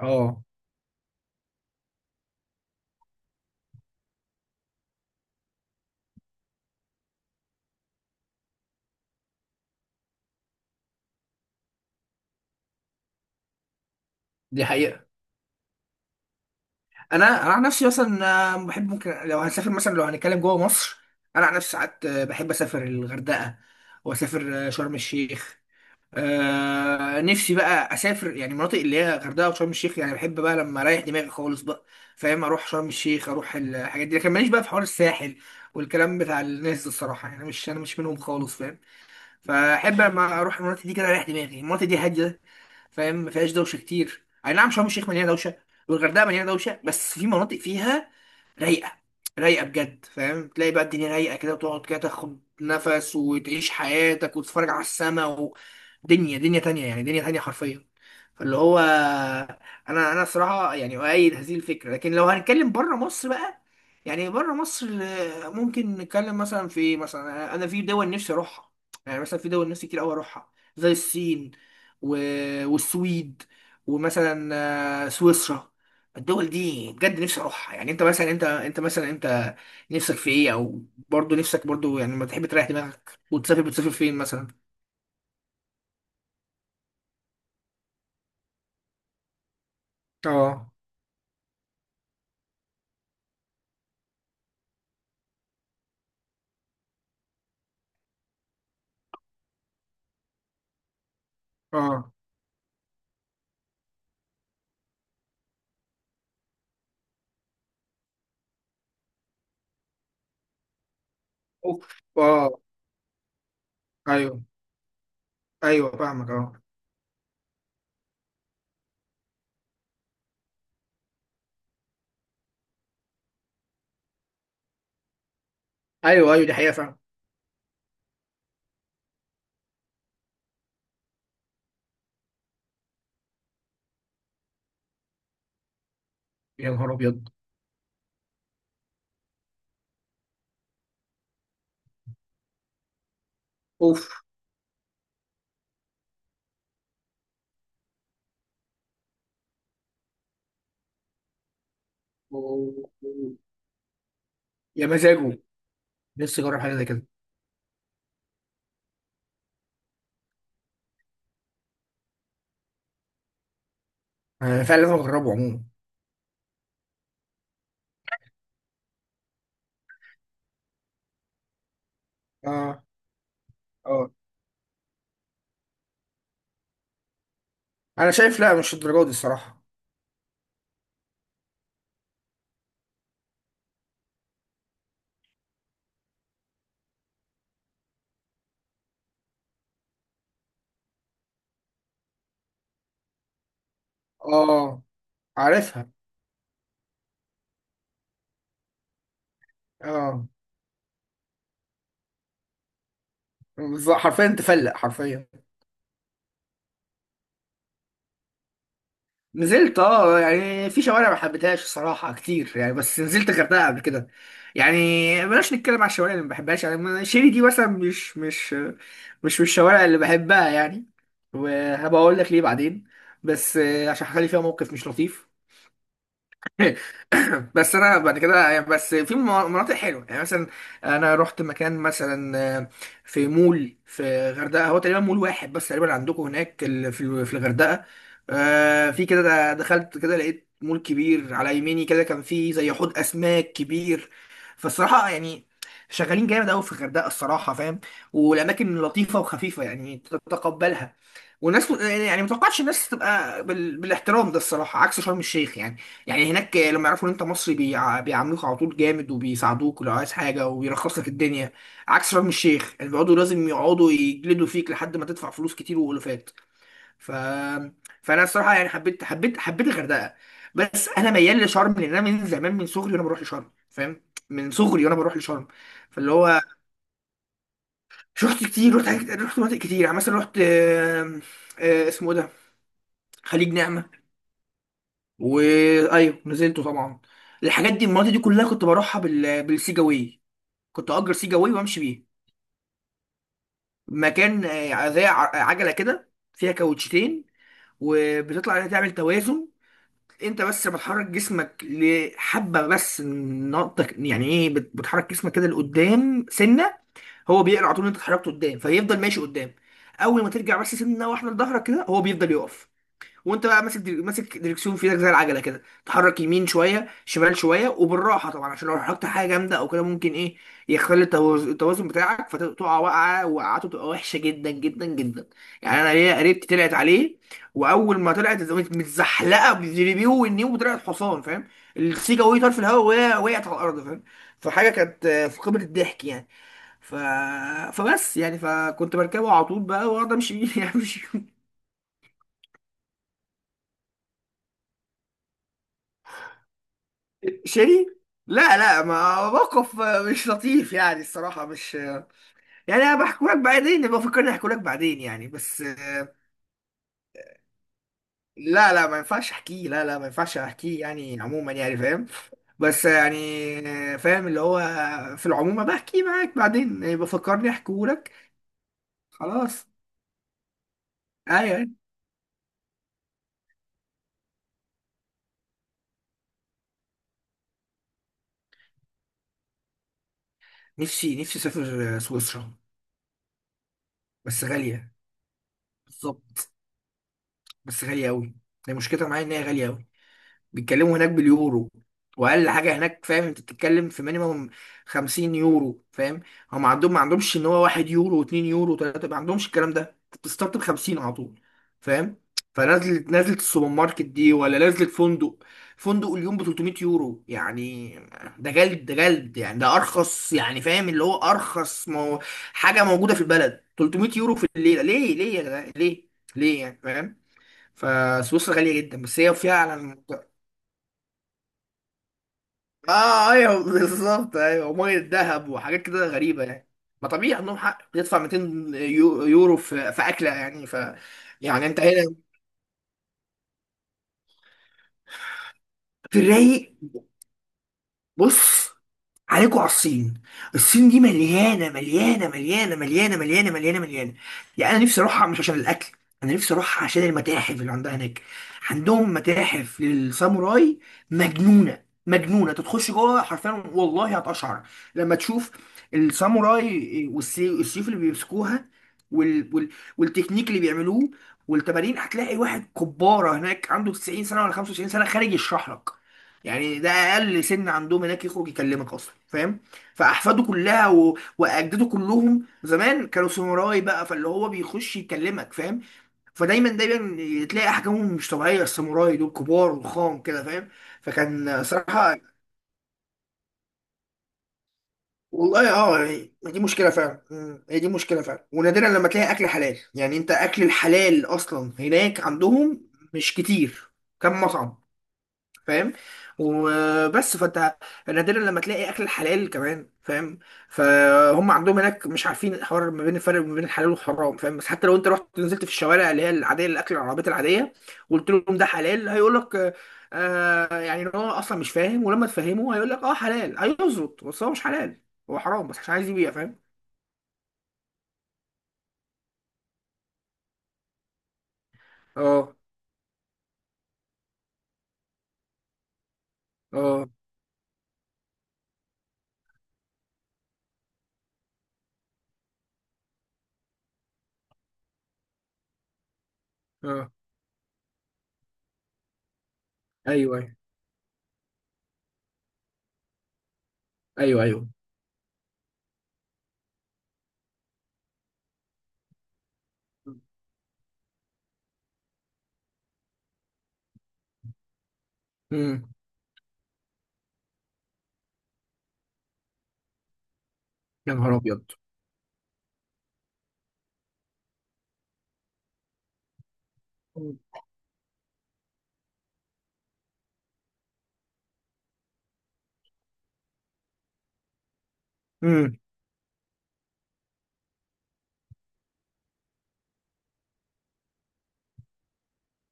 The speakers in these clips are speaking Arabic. اه. دي حقيقة. انا عن نفسي مثلا، بحب ممكن لو هنسافر مثلا لو هنتكلم جوه مصر. انا عن نفسي ساعات، بحب اسافر الغردقة. واسافر شرم الشيخ. نفسي بقى اسافر يعني مناطق اللي هي غردقة وشرم الشيخ، يعني بحب بقى لما اريح دماغي خالص بقى. فاهم؟ اروح شرم الشيخ، اروح الحاجات دي، لكن ماليش بقى في حوار الساحل والكلام بتاع الناس ده. الصراحة يعني، مش انا مش منهم خالص، فاهم؟ فاحب لما اروح المناطق دي كده اريح دماغي. المناطق دي هادية، فاهم؟ ما فيهاش دوشه كتير. اي نعم، شرم الشيخ مليانه دوشه والغردقه مليانه دوشه، بس في مناطق فيها رايقه. رايقه بجد، فاهم؟ تلاقي بقى الدنيا رايقه كده، وتقعد كده تاخد نفس وتعيش حياتك وتتفرج على السما. ودنيا، دنيا تانية، يعني دنيا تانية حرفيا. فاللي هو، انا صراحه يعني اؤيد هذه الفكره، لكن لو هنتكلم بره مصر بقى. يعني بره مصر، ممكن نتكلم مثلا في، مثلا انا في دول نفسي اروحها. يعني مثلا في دول نفسي كتير قوي اروحها، زي الصين و... والسويد، ومثلا سويسرا. الدول دي بجد نفسي اروحها. يعني انت مثلا، انت مثلا، انت نفسك في ايه، او برضه نفسك برضه، يعني لما تحب تريح دماغك وتسافر بتسافر فين مثلا؟ اه. اه. أوف. اه. ايوه، ايوه، فاهمك. اه. ايوه، ايوه، دي حقيقه فعلا. يا نهار ابيض. اوف. يا مزاجه. نفسي اجرب حاجه زي كده. فعلا لازم اجربه عموما. اه. اه. انا شايف لا، مش الدرجه دي الصراحه. اه. عارفها. اه. بالظبط، حرفيا تفلق، حرفيا. نزلت، يعني في شوارع ما حبيتهاش الصراحه كتير يعني، بس نزلت الغردقه قبل كده يعني. بلاش نتكلم على الشوارع اللي ما بحبهاش يعني. شيري دي مثلا مش من الشوارع اللي بحبها يعني. وهبقى اقول لك ليه بعدين، بس عشان حصل لي فيها موقف مش لطيف. جامد، بس انا بعد كده يعني، بس في مناطق حلوه يعني، مثلا. انا رحت مكان مثلا، في مول في غردقه. هو تقريبا مول واحد بس تقريبا عندكم هناك، في الغردقه. في كده، دخلت كده لقيت مول كبير على يميني كده، كان فيه زي حوض اسماك كبير. فالصراحه يعني شغالين جامد قوي في الغردقه الصراحه، فاهم؟ والاماكن لطيفه وخفيفه، يعني تتقبلها. وناس يعني ما اتوقعش الناس تبقى بالاحترام ده الصراحه، عكس شرم الشيخ يعني. يعني هناك لما يعرفوا ان انت مصري بيعاملوك على طول جامد، وبيساعدوك لو عايز حاجه، وبيرخص لك الدنيا. عكس شرم الشيخ، يعني لازم يقعدوا يجلدوا فيك لحد ما تدفع فلوس كتير والوفات. ف فانا الصراحه يعني حبيت الغردقه. بس انا ميال لشرم، لان انا من زمان من صغري وانا بروح لشرم، فاهم؟ من صغري وانا بروح لشرم. فاللي هو، رحت كتير، رحت رحت مناطق كتير، يعني مثلا رحت، اسمه إيه ده؟ خليج نعمة. وايوه نزلته طبعا. الحاجات دي، المناطق دي كلها، كنت بروحها بالسيجاوي. كنت اجر سيجاوي وامشي بيه. مكان، زي عجله كده فيها كاوتشتين، وبتطلع عليها تعمل توازن. انت بس بتحرك جسمك لحبه، بس نقطه، يعني ايه؟ بتحرك جسمك كده لقدام سنه. هو بيقرا على طول إن انت اتحركت قدام، فيفضل ماشي قدام. اول ما ترجع بس سنه واحده لظهرك كده، هو بيفضل يقف. وانت بقى ماسك، ماسك دريكسيون في ايدك زي العجله كده، تحرك يمين شويه شمال شويه وبالراحه طبعا، عشان لو حركت حاجه جامده او كده ممكن ايه، يختل التوازن، التوازن بتاعك، فتقع وقعه، وقعته تبقى وحشه جدا جدا جدا. يعني انا ليا قريبتي طلعت عليه، واول ما طلعت قامت متزحلقه بالجليبيه والنيو وطلعت حصان، فاهم؟ السيجا وهي طار في الهواء، وهي وقعت على الارض، فاهم؟ فحاجه كانت في قمه الضحك يعني. ف... فبس يعني، فكنت بركبه على طول بقى واقعد امشي بيه يعني. شيري. لا لا، ما موقف مش لطيف يعني، الصراحة مش. يعني أنا بحكي لك بعدين، يبقى فكرني أحكي لك بعدين يعني، بس. لا لا ما ينفعش أحكيه، لا لا ما ينفعش أحكيه يعني، عموما يعني، فاهم؟ بس يعني. فاهم، اللي هو في العموم بحكي معاك بعدين يبقى فكرني أحكيه لك. خلاص. أيوه. نفسي أسافر سويسرا. بس غالية. بالظبط. بس غالية أوي. هي مشكلتها معايا إن هي غالية أوي. بيتكلموا هناك باليورو. واقل حاجه هناك، فاهم؟ انت بتتكلم في مينيمم 50 يورو، فاهم؟ هم عندهم ما عندهمش ان هو 1 يورو و2 يورو و3، ما عندهمش الكلام ده، انت بتستارت ب 50 على طول، فاهم؟ نزلت السوبر ماركت دي ولا نزلت فندق؟ فندق اليوم ب 300 يورو يعني. ده جلد، ده جلد يعني، ده ارخص يعني، فاهم؟ اللي هو ارخص، مو حاجه موجوده في البلد، 300 يورو في الليله. ليه؟ ليه يا جدع؟ ليه؟ ليه يعني؟ فاهم؟ فسويسرا غاليه جدا، بس هي فعلا. اه. ايوه بالظبط. ايوه، وميه دهب وحاجات كده غريبه يعني. ما طبيعي، عندهم حق، بتدفع 200 يورو في اكله يعني. يعني انت هنا في الرايق. بص، عليكوا على الصين. الصين دي مليانه، مليانه، مليانه، مليانه، مليانه، مليانه، مليانه. يعني انا نفسي اروحها مش عشان الاكل، انا نفسي اروحها عشان المتاحف اللي عندها هناك. عندهم متاحف للساموراي مجنونه، مجنونه. تخش جوه حرفيا والله هتقشعر لما تشوف الساموراي، والسيوف اللي بيمسكوها، وال... وال... والتكنيك اللي بيعملوه والتمارين. هتلاقي واحد كباره هناك عنده 90 سنه ولا 95 سنه، خارج يشرح لك. يعني ده اقل سن عندهم هناك يخرج يكلمك اصلا، فاهم؟ فاحفاده كلها واجداده كلهم زمان كانوا ساموراي بقى، فاللي هو بيخش يكلمك، فاهم؟ فدايما دايما تلاقي احجامهم مش طبيعيه، الساموراي دول كبار وخام كده، فاهم؟ فكان صراحه. والله اه يعني، دي مشكله فعلا، هي دي مشكله فعلا. ونادرا لما تلاقي اكل حلال، يعني انت، اكل الحلال اصلا هناك عندهم مش كتير، كم مطعم، فاهم؟ وبس. فانت نادرا لما تلاقي اكل الحلال كمان، فاهم؟ فهم عندهم هناك مش عارفين الحوار، ما بين الفرق ما بين الحلال والحرام، فاهم؟ بس حتى لو انت رحت نزلت في الشوارع اللي هي العاديه، الاكل، العربيات العاديه، وقلت لهم ده حلال، هيقول لك آه. يعني ان هو اصلا مش فاهم، ولما تفهمه هيقول لك اه حلال هيظبط، بس هو مش حلال، هو حرام بس عشان عايز يبيع، فاهم؟ اه. اه. اه. ايوه. ايوه. ايوه. ايوه. امم. يا نهار ابيض. امم.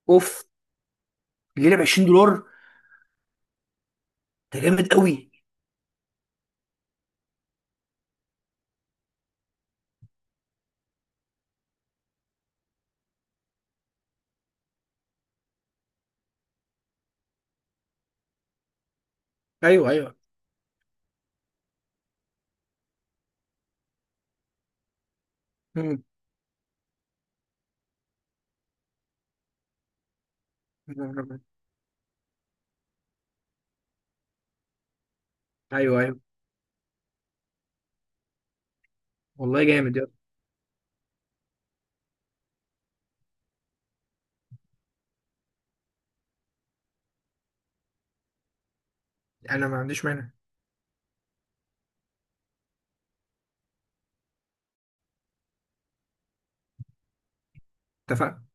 اوف. الليله ب 20 دولار. ده جامد قوي. ايوه، ايوه. مم. ايوه، ايوه. والله جامد. يلا، انا ما عنديش مانع. اتفقنا.